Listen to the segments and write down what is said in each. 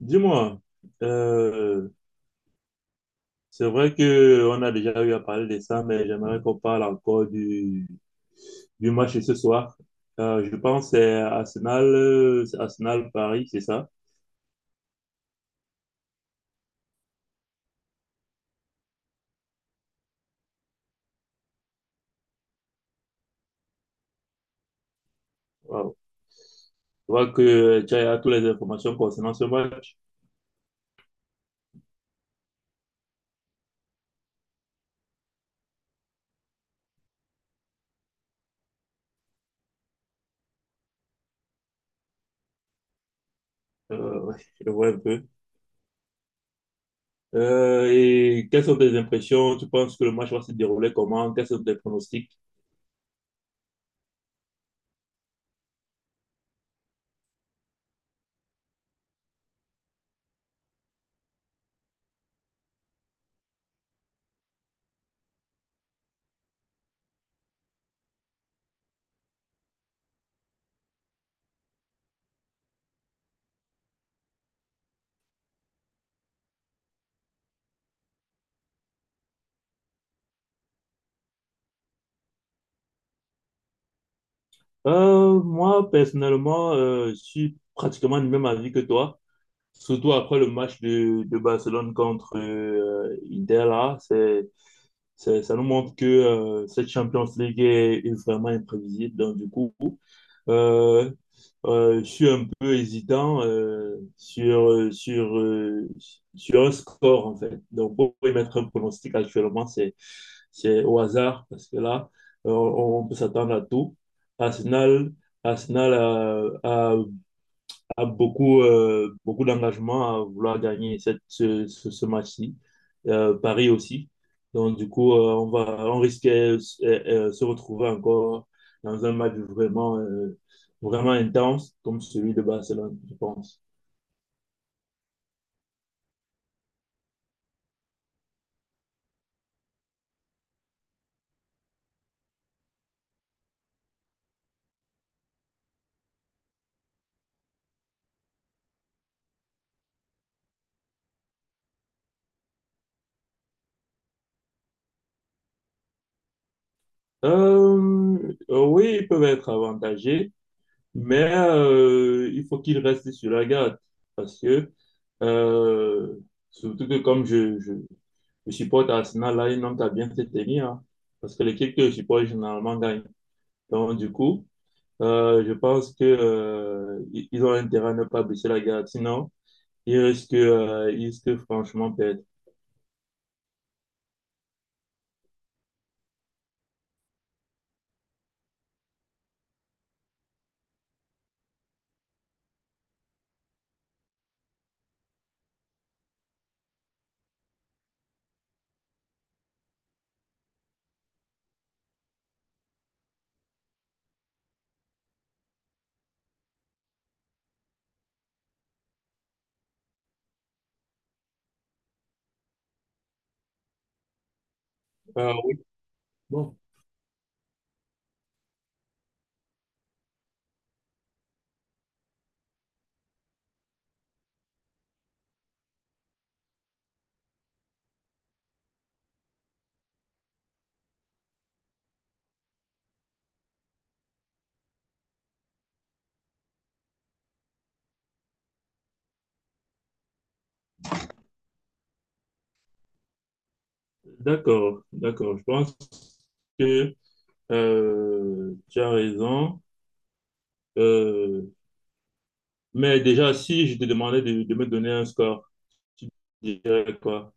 Dis-moi, euh, c'est vrai que on a déjà eu à parler de ça, mais j'aimerais qu'on parle encore du match de ce soir. Je pense que c'est Arsenal Paris, c'est ça? Wow. Je vois que tu as toutes les informations concernant ce match. Ouais, je vois un peu. Et quelles sont tes impressions? Tu penses que le match va se dérouler comment? Quels sont tes pronostics? Moi, personnellement, je suis pratiquement du même avis que toi, surtout après le match de Barcelone contre Inter, là. Ça nous montre que cette Champions League est vraiment imprévisible. Donc, du coup, euh, je suis un peu hésitant sur un score, en fait. Donc, pour émettre un pronostic actuellement, c'est au hasard, parce que là, on peut s'attendre à tout. Arsenal, Arsenal a a beaucoup, beaucoup d'engagement à vouloir gagner ce match-ci. Paris aussi. Donc, du coup, on risque de se retrouver encore dans un match vraiment intense, comme celui de Barcelone, je pense. Euh, oui, ils peuvent être avantagés. Mais il faut qu'il reste sur la garde parce que, euh, surtout que comme je supporte Arsenal, là, un homme qui a bien se tenir, hein, parce que l'équipe que je supporte généralement gagne. Donc, du coup, je pense que ils ont intérêt à ne pas baisser la garde, sinon, ils risquent franchement perdre. Ah oui, bon, d'accord, d'accord. Je pense que tu as raison. Euh, Mais déjà, si je te demandais de me donner un score, tu dirais quoi?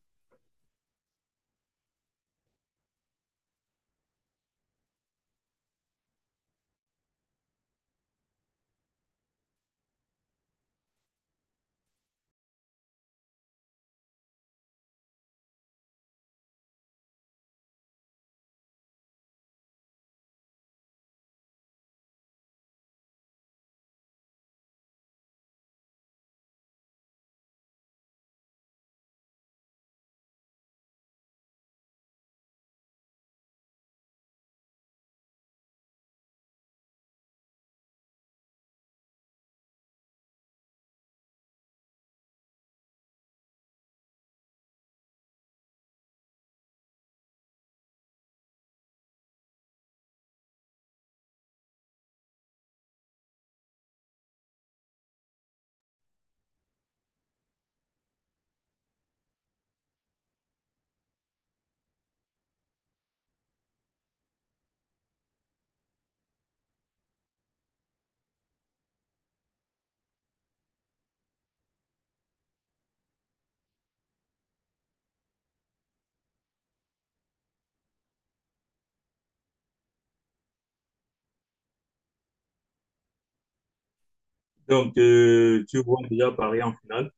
Donc, tu vois déjà Paris en finale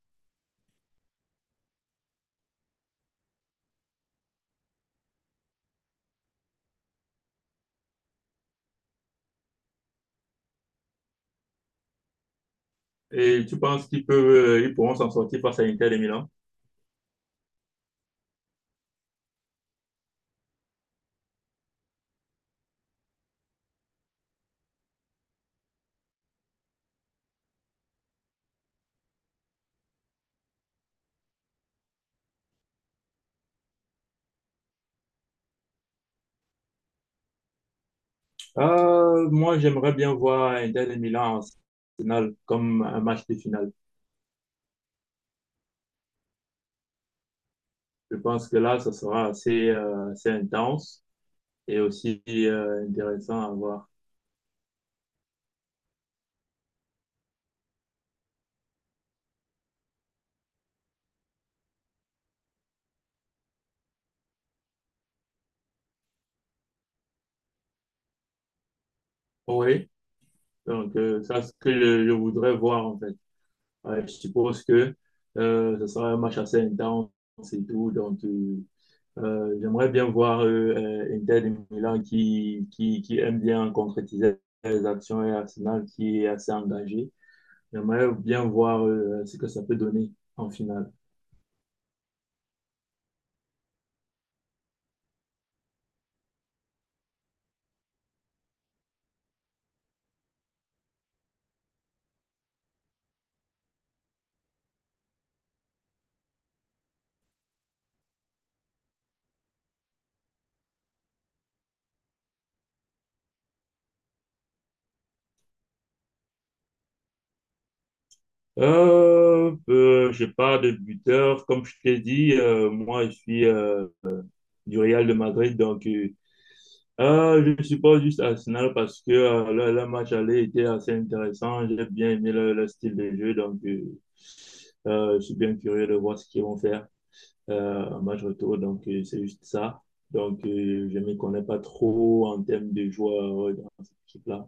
et tu penses qu'ils peuvent, ils pourront s'en sortir face à Inter de Milan? Moi, j'aimerais bien voir Inter de Milan en finale comme un match de finale. Je pense que là, ça sera assez intense et aussi intéressant à voir. Oui, donc ça, c'est ce que je voudrais voir en fait. Ouais, je suppose que ce sera un match assez intense et tout, donc j'aimerais bien voir Inter de Milan qui aime bien concrétiser les actions et Arsenal qui est assez engagé. J'aimerais bien voir ce que ça peut donner en finale. Je parle de buteur. Comme je t'ai dit, moi, je suis du Real de Madrid. Donc, je supporte juste Arsenal parce que le match aller était assez intéressant. J'ai bien aimé le style de jeu. Donc, je suis bien curieux de voir ce qu'ils vont faire. En match retour, donc c'est juste ça. Donc, je ne me connais pas trop en termes de joueurs dans cette équipe-là.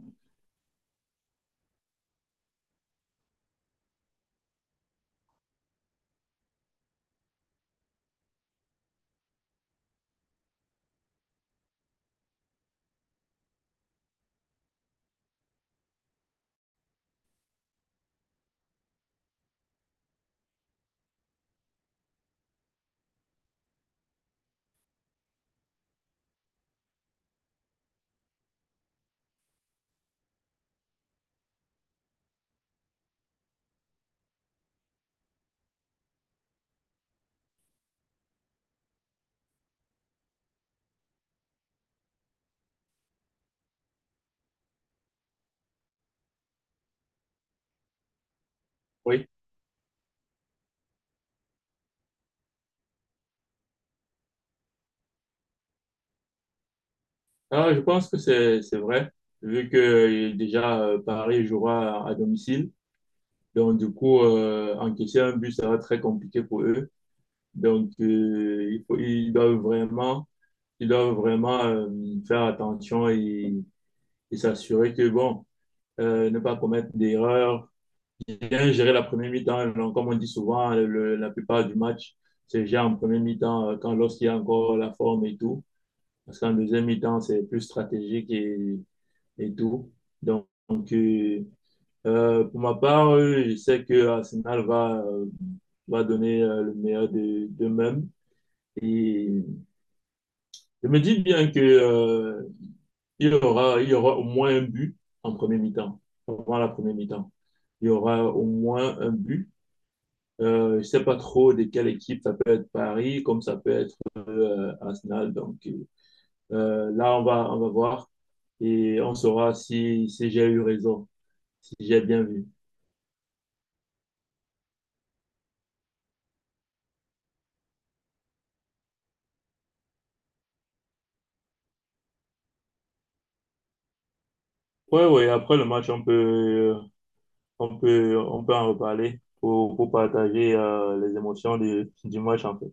Oui. Ah, je pense que c'est vrai, vu que déjà Paris jouera à domicile. Donc, du coup, encaisser un but, ça va être très compliqué pour eux. Donc, ils doivent ils doivent vraiment faire attention et s'assurer que, bon, ne pas commettre d'erreurs, bien géré la première mi-temps. Comme on dit souvent, la plupart du match c'est gère en première mi-temps quand lorsqu'il y a encore la forme et tout. Parce qu'en deuxième mi-temps, c'est plus stratégique et tout. Donc, euh, pour ma part, je sais que Arsenal va donner le meilleur d'eux-mêmes. Et je me dis bien que il y aura au moins un but en première mi-temps, avant la première mi-temps. Il y aura au moins un but. Je ne sais pas trop de quelle équipe, ça peut être Paris comme ça peut être Arsenal. Donc là, on va voir et on saura si, si j'ai eu raison, si j'ai bien vu. Ouais, ouais, après le match, on peut, on peut en reparler pour partager les émotions du match en fait.